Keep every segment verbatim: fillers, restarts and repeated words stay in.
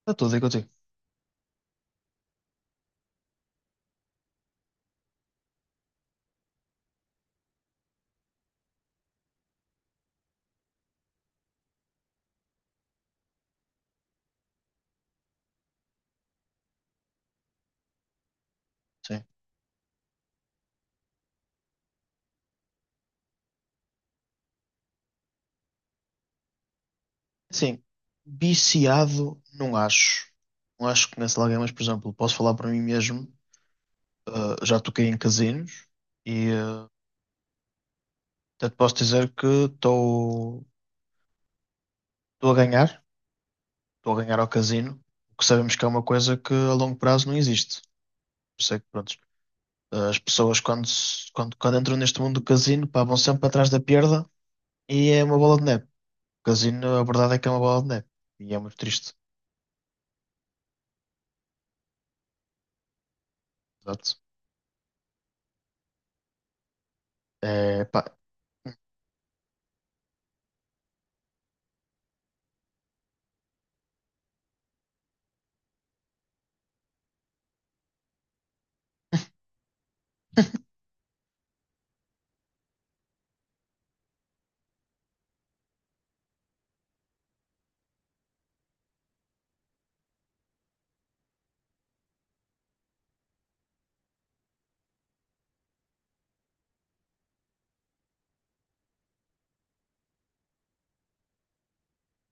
Está tudo aí contigo. Sim. Sim. Viciado, não acho. Não acho que conheço alguém, mas, por exemplo, posso falar para mim mesmo. Ah, já toquei em casinos e ah, até te posso dizer que estou estou a ganhar. Estou a ganhar ao casino, o que sabemos que é uma coisa que a longo prazo não existe. Por isso é que, pronto, as pessoas quando, se- quando, quando entram neste mundo do casino, pá, vão sempre atrás da perda e é uma bola de neve. O casino, a verdade é que é uma bola de neve. E é muito triste. Exato. É, pá.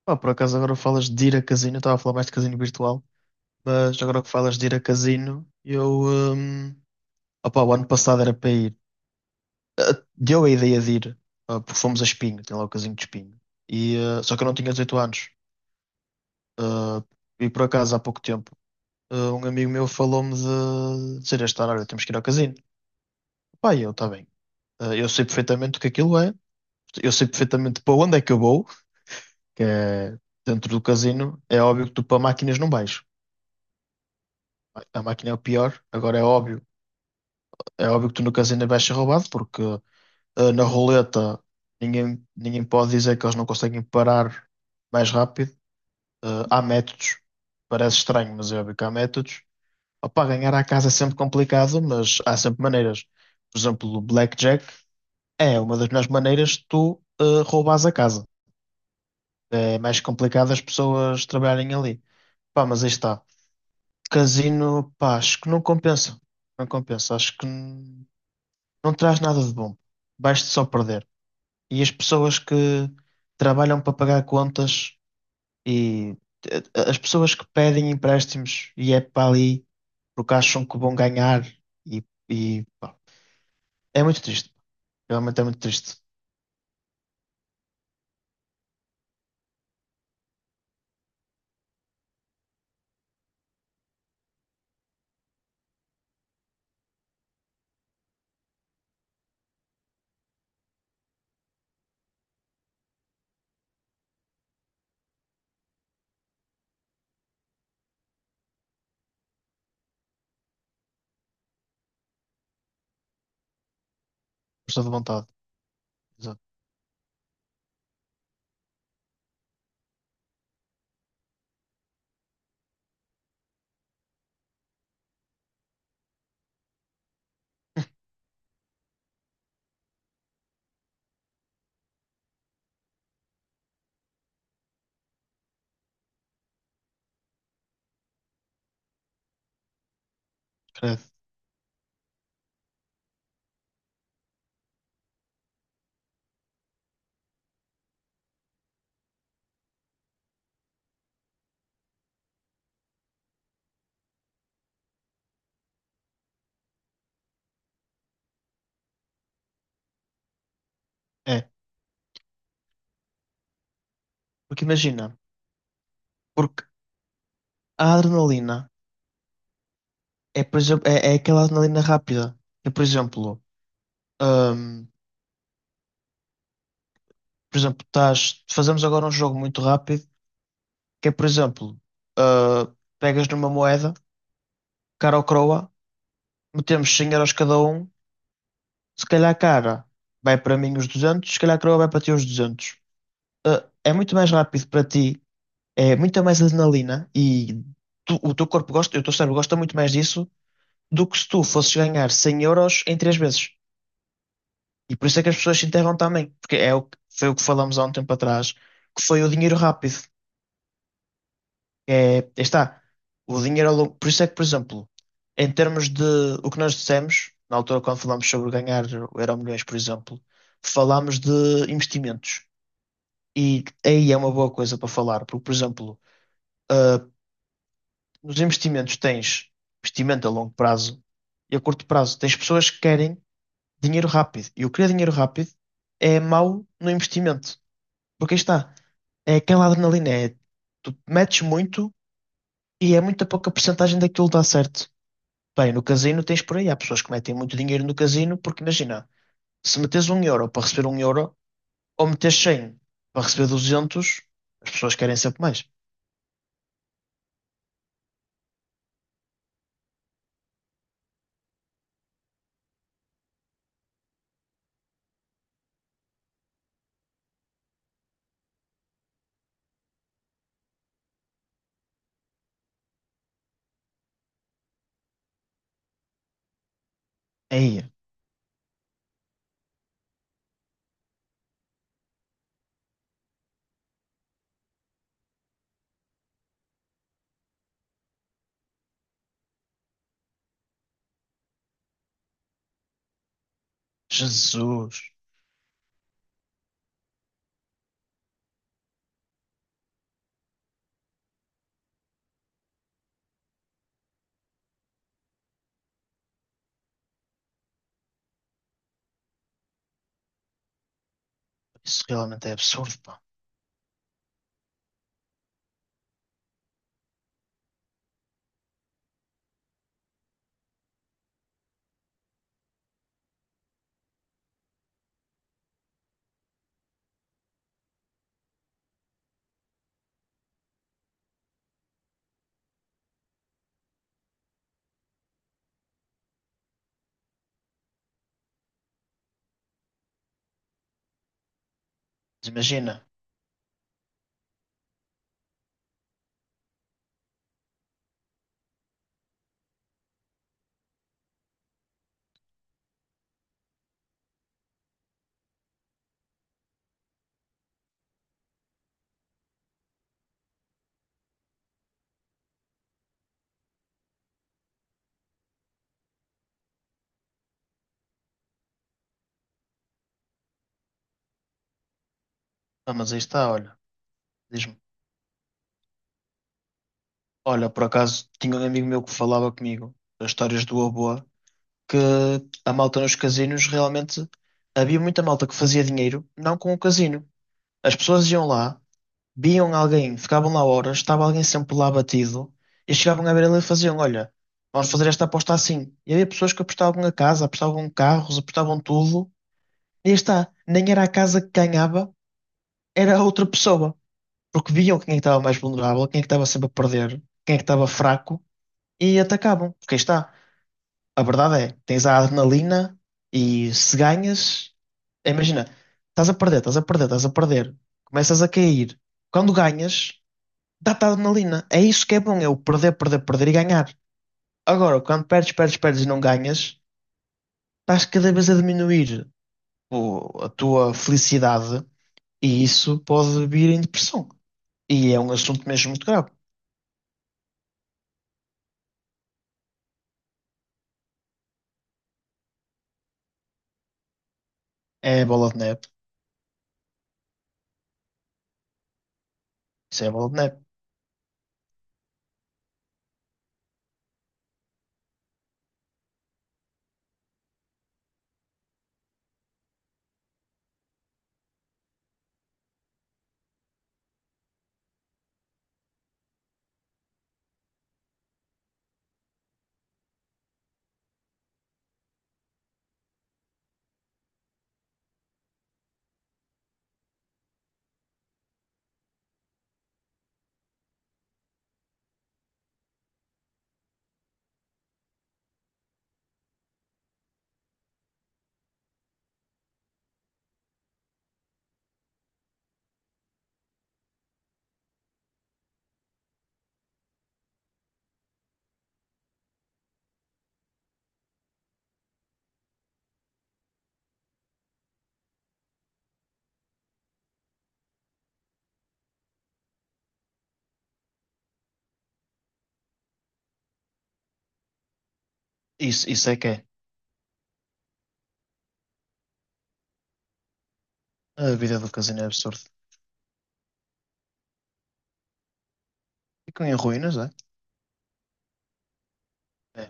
Pá, por acaso agora falas de ir a casino, eu estava a falar mais de casino virtual, mas agora que falas de ir a casino, eu, hum, opá, o ano passado era para ir, deu a ideia de ir, ah, porque fomos a Espinho, tem lá o casino de Espinho, e, ah, só que eu não tinha dezoito anos, e por acaso há pouco tempo, ah, um amigo meu falou-me de dizer este ano, olha, temos que ir ao casino, pá, e eu, está bem. Ah, eu sei perfeitamente o que aquilo é, eu sei perfeitamente para onde é que eu vou, que é dentro do casino, é óbvio que tu para máquinas não vais. A máquina é o pior. Agora é óbvio, é óbvio que tu no casino vais ser roubado, porque eh, na roleta ninguém, ninguém pode dizer que eles não conseguem parar mais rápido. Eh, há métodos, parece estranho, mas é óbvio que há métodos. Opa, ganhar à casa é sempre complicado, mas há sempre maneiras. Por exemplo, o blackjack é uma das melhores maneiras de tu eh, roubares a casa. É mais complicado as pessoas trabalharem ali. Pá, mas aí está. Casino, pá, acho que não compensa. Não compensa. Acho que n- não traz nada de bom. Vais-te só perder. E as pessoas que trabalham para pagar contas e eh, as pessoas que pedem empréstimos e é para ali porque acham que vão ganhar e, e pá, é muito triste. Realmente é muito triste. Força de vontade. Exato. Credo. É. Porque imagina, porque a adrenalina é, por exemplo, é, é aquela adrenalina rápida. Eu, por exemplo, hum, por exemplo, estás, fazemos agora um jogo muito rápido, que é, por exemplo, ah, pegas numa moeda, cara ou croa, metemos cem euros cada um, se calhar cara vai para mim os duzentos, se calhar croa vai para ti os duzentos. É muito mais rápido para ti, é muita mais adrenalina e tu- o teu corpo gosta, o teu cérebro gosta muito mais disso do que se tu fosses ganhar cem euros em três vezes. E por isso é que as pessoas se enterram também, porque é o que, foi o que falamos há um tempo atrás, que foi o dinheiro rápido. É, aí está. O dinheiro ao longo. Por isso é que, por exemplo, em termos de o que nós dissemos, na altura quando falámos sobre ganhar o Euromilhões, por exemplo, falámos de investimentos. E aí é uma boa coisa para falar, porque, por exemplo, ah, nos investimentos tens investimento a longo prazo e a curto prazo. Tens pessoas que querem dinheiro rápido. E o querer dinheiro rápido é mau no investimento. Porque aí está. É aquela adrenalina. É, tu metes muito e é muito pouca porcentagem daquilo que dá certo. Bem, no casino tens por aí. Há pessoas que metem muito dinheiro no casino porque, imagina, se metes um euro para receber um euro ou metes cem para receber duzentos, as pessoas querem sempre mais. Aí, Jesus, isso realmente é absurdo, pá. Mas imagina. Ah, mas aí está, olha. Diz-me. Olha, por acaso, tinha um amigo meu que falava comigo das histórias do Aboa, que a malta nos casinos realmente havia muita malta que fazia dinheiro não com o casino. As pessoas iam lá viam alguém, ficavam lá horas, estava alguém sempre lá batido, e chegavam a ver ele e faziam, olha, vamos fazer esta aposta assim. E havia pessoas que apostavam a casa, apostavam carros, apostavam tudo, e aí está, nem era a casa que ganhava, era a outra pessoa, porque viam quem é que estava mais vulnerável, quem é que estava sempre a perder, quem é que estava fraco, e atacavam, porque aí está, a verdade é, tens a adrenalina, e se ganhas, imagina, estás a perder, estás a perder, estás a perder, começas a cair, quando ganhas dá-te adrenalina. É isso que é bom, é o perder, perder, perder e ganhar. Agora, quando perdes, perdes, perdes e não ganhas, estás cada vez a diminuir o- a tua felicidade e isso pode vir em depressão. E é um assunto mesmo muito grave. É a bola de neve. Isso é a bola de neve. Isso, isso é que é. A vida do casino é absurda. Ficam em ruínas, é? É,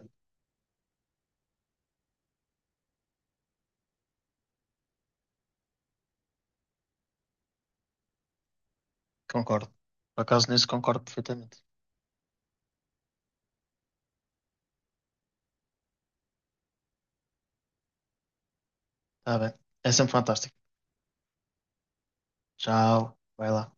concordo. Por acaso nisso concordo perfeitamente. Está bem. É sempre fantástico. Tchau. Vai lá.